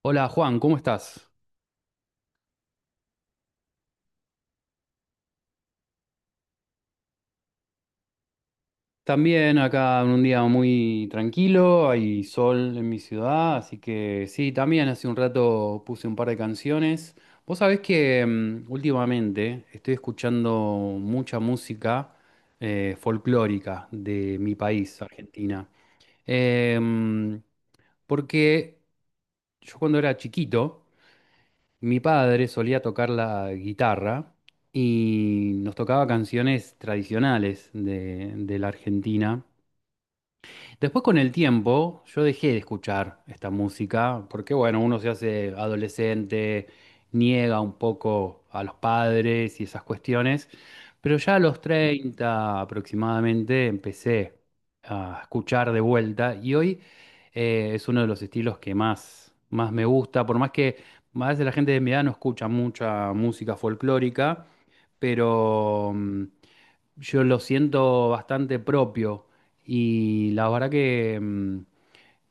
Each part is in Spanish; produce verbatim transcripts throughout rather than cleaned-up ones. Hola Juan, ¿cómo estás? También acá en un día muy tranquilo, hay sol en mi ciudad, así que sí, también hace un rato puse un par de canciones. Vos sabés que mm, últimamente estoy escuchando mucha música eh, folclórica de mi país, Argentina. Em, Porque yo cuando era chiquito, mi padre solía tocar la guitarra y nos tocaba canciones tradicionales de, de la Argentina. Después con el tiempo yo dejé de escuchar esta música porque bueno, uno se hace adolescente, niega un poco a los padres y esas cuestiones, pero ya a los treinta aproximadamente empecé a escuchar de vuelta y hoy eh, es uno de los estilos que más, más me gusta, por más que a veces la gente de mi edad no escucha mucha música folclórica, pero... mm, yo lo siento bastante propio y la verdad que mm,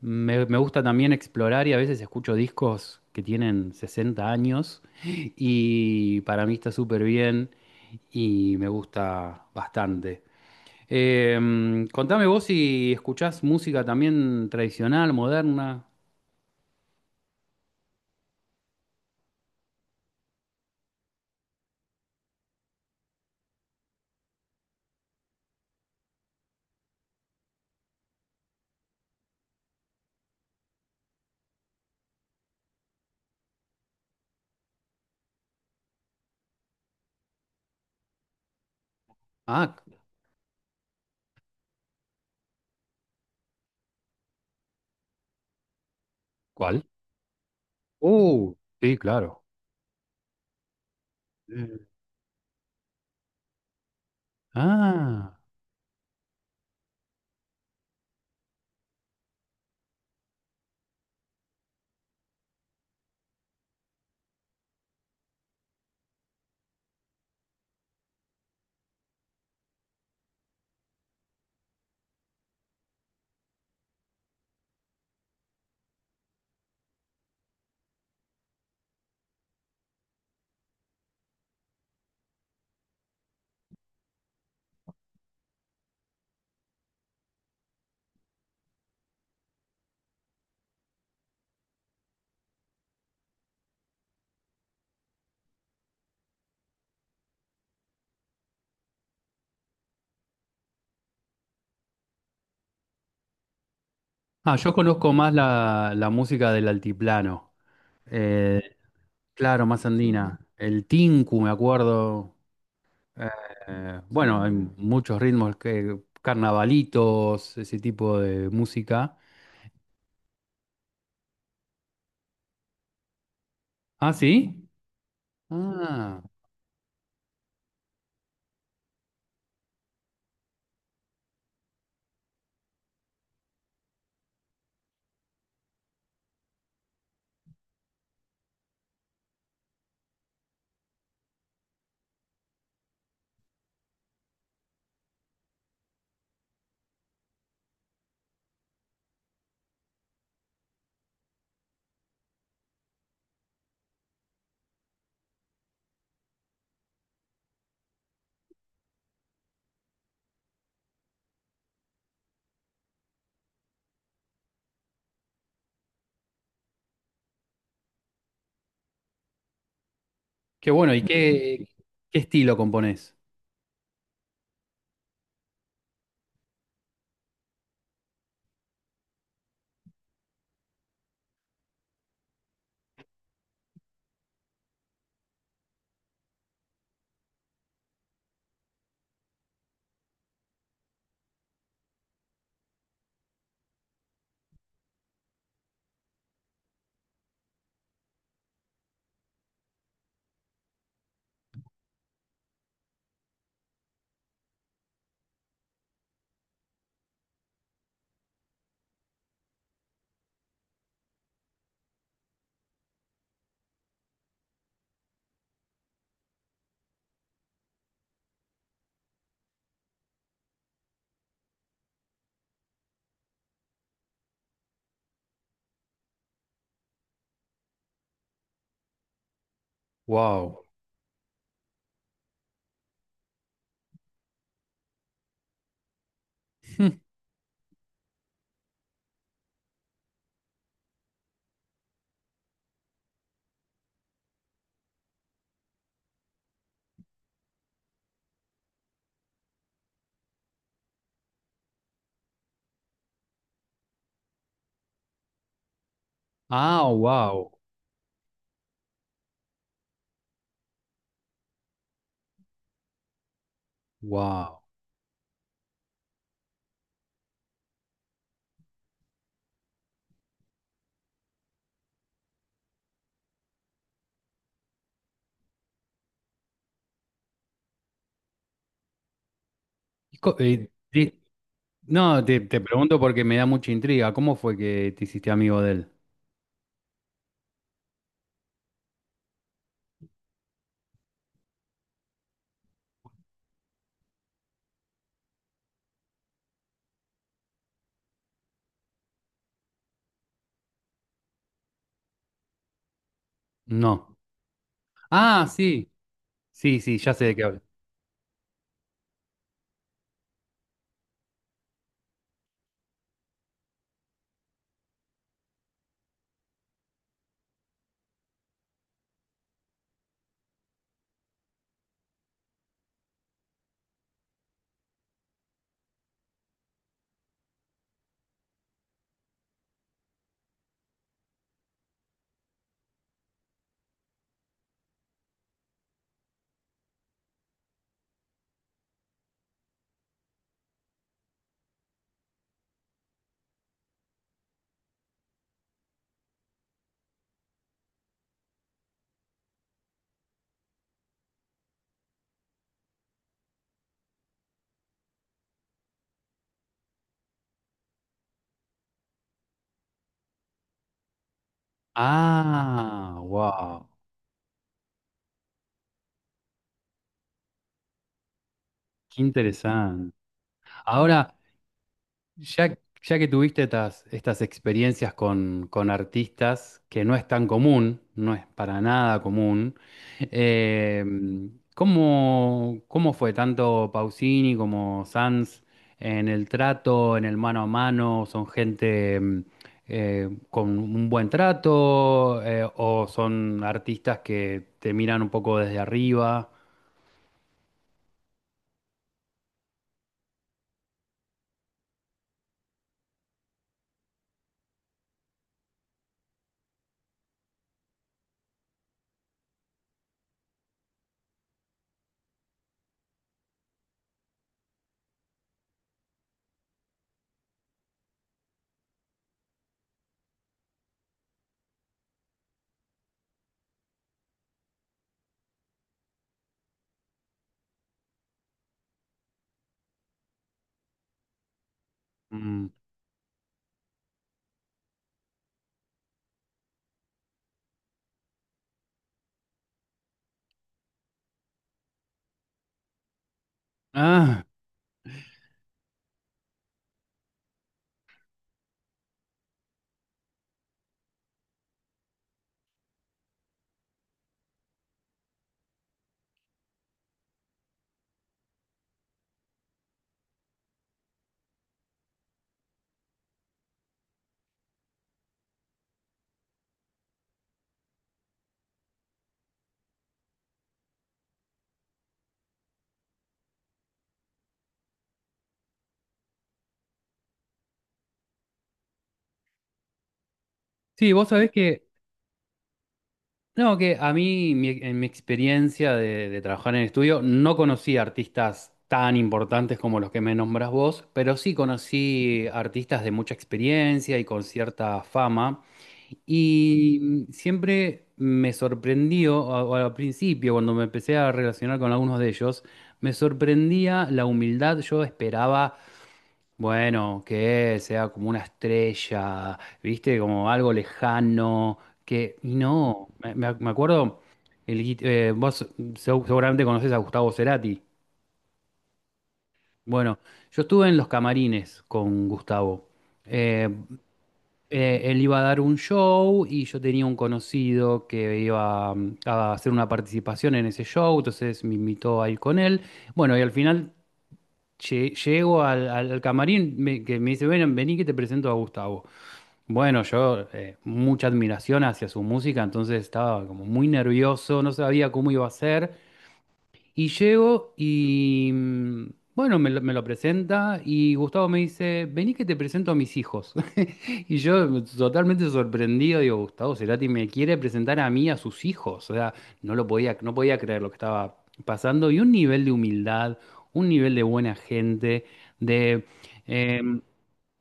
me, me gusta también explorar y a veces escucho discos que tienen sesenta años y para mí está súper bien y me gusta bastante. Eh, mm, contame vos si escuchás música también tradicional, moderna. Ah, ¿cuál? uh, sí, claro. Eh, Ah, ah, yo conozco más la, la música del altiplano. Eh, claro, más andina. El tinku, me acuerdo. Eh, bueno, hay muchos ritmos, que, carnavalitos, ese tipo de música. Ah, ¿sí? Ah, qué bueno. ¿Y qué, qué estilo componés? Wow. Ah, wow. Wow. Y co- eh, di- no, te, te pregunto porque me da mucha intriga. ¿Cómo fue que te hiciste amigo de él? No. Ah, sí. Sí, sí, ya sé de qué hablo. Ah, wow. Qué interesante. Ahora, ya, ya que tuviste estas, estas experiencias con, con artistas, que no es tan común, no es para nada común, eh, ¿cómo, cómo fue tanto Pausini como Sanz en el trato, en el mano a mano? ¿Son gente mm, eh, con un buen trato eh, o son artistas que te miran un poco desde arriba? Mm. Ah, sí, vos sabés que... No, que a mí, mi- en mi experiencia de, de trabajar en el estudio, no conocí artistas tan importantes como los que me nombras vos, pero sí conocí artistas de mucha experiencia y con cierta fama. Y siempre me sorprendió, a- o al principio, cuando me empecé a relacionar con algunos de ellos, me sorprendía la humildad. Yo esperaba bueno, que sea como una estrella, ¿viste? Como algo lejano, que... y no, me, me- me acuerdo, el, guit- eh, vos seg- seguramente conocés a Gustavo Cerati. Bueno, yo estuve en los camarines con Gustavo. Eh, eh, Él iba a dar un show y yo tenía un conocido que iba mm, a hacer una participación en ese show, entonces me invitó a ir con él. Bueno, y al final lle- llego al, al- al camarín me- que me dice, ven, vení que te presento a Gustavo. Bueno, yo eh, mucha admiración hacia su música, entonces estaba como muy nervioso, no sabía cómo iba a ser. Y llego y mm, bueno, me lo, me lo presenta y Gustavo me dice, vení que te presento a mis hijos. Y yo totalmente sorprendido, digo, Gustavo Cerati me quiere presentar a mí, a sus hijos. O sea, no lo podía, no podía creer lo que estaba pasando. Y un nivel de humildad, un nivel de buena gente, de... em,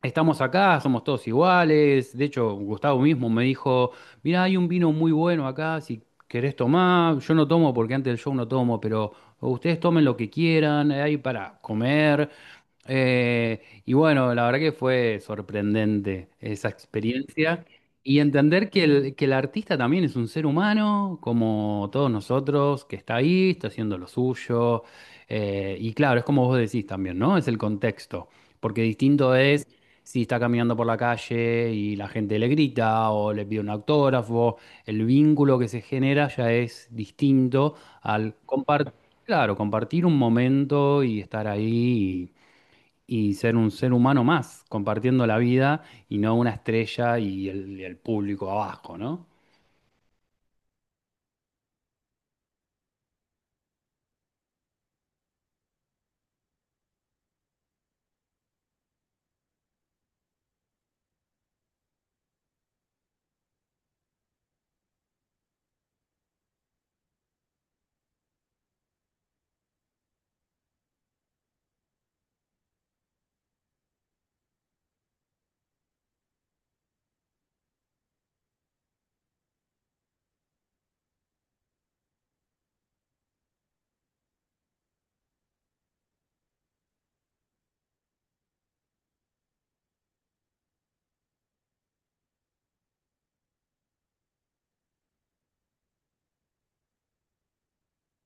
estamos acá, somos todos iguales. De hecho, Gustavo mismo me dijo, mirá, hay un vino muy bueno acá, si querés tomar, yo no tomo porque antes del show no tomo, pero ustedes tomen lo que quieran, hay para comer. Eh, y bueno, la verdad que fue sorprendente esa experiencia y entender que el, que el artista también es un ser humano, como todos nosotros, que está ahí, está haciendo lo suyo. Eh, y claro, es como vos decís también, ¿no? Es el contexto, porque distinto es si está caminando por la calle y la gente le grita o le pide un autógrafo, el vínculo que se genera ya es distinto al compartir, claro, compartir un momento y estar ahí y ser un ser humano más, compartiendo la vida y no una estrella y el, y el público abajo, ¿no?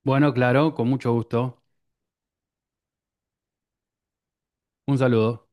Bueno, claro, con mucho gusto. Un saludo.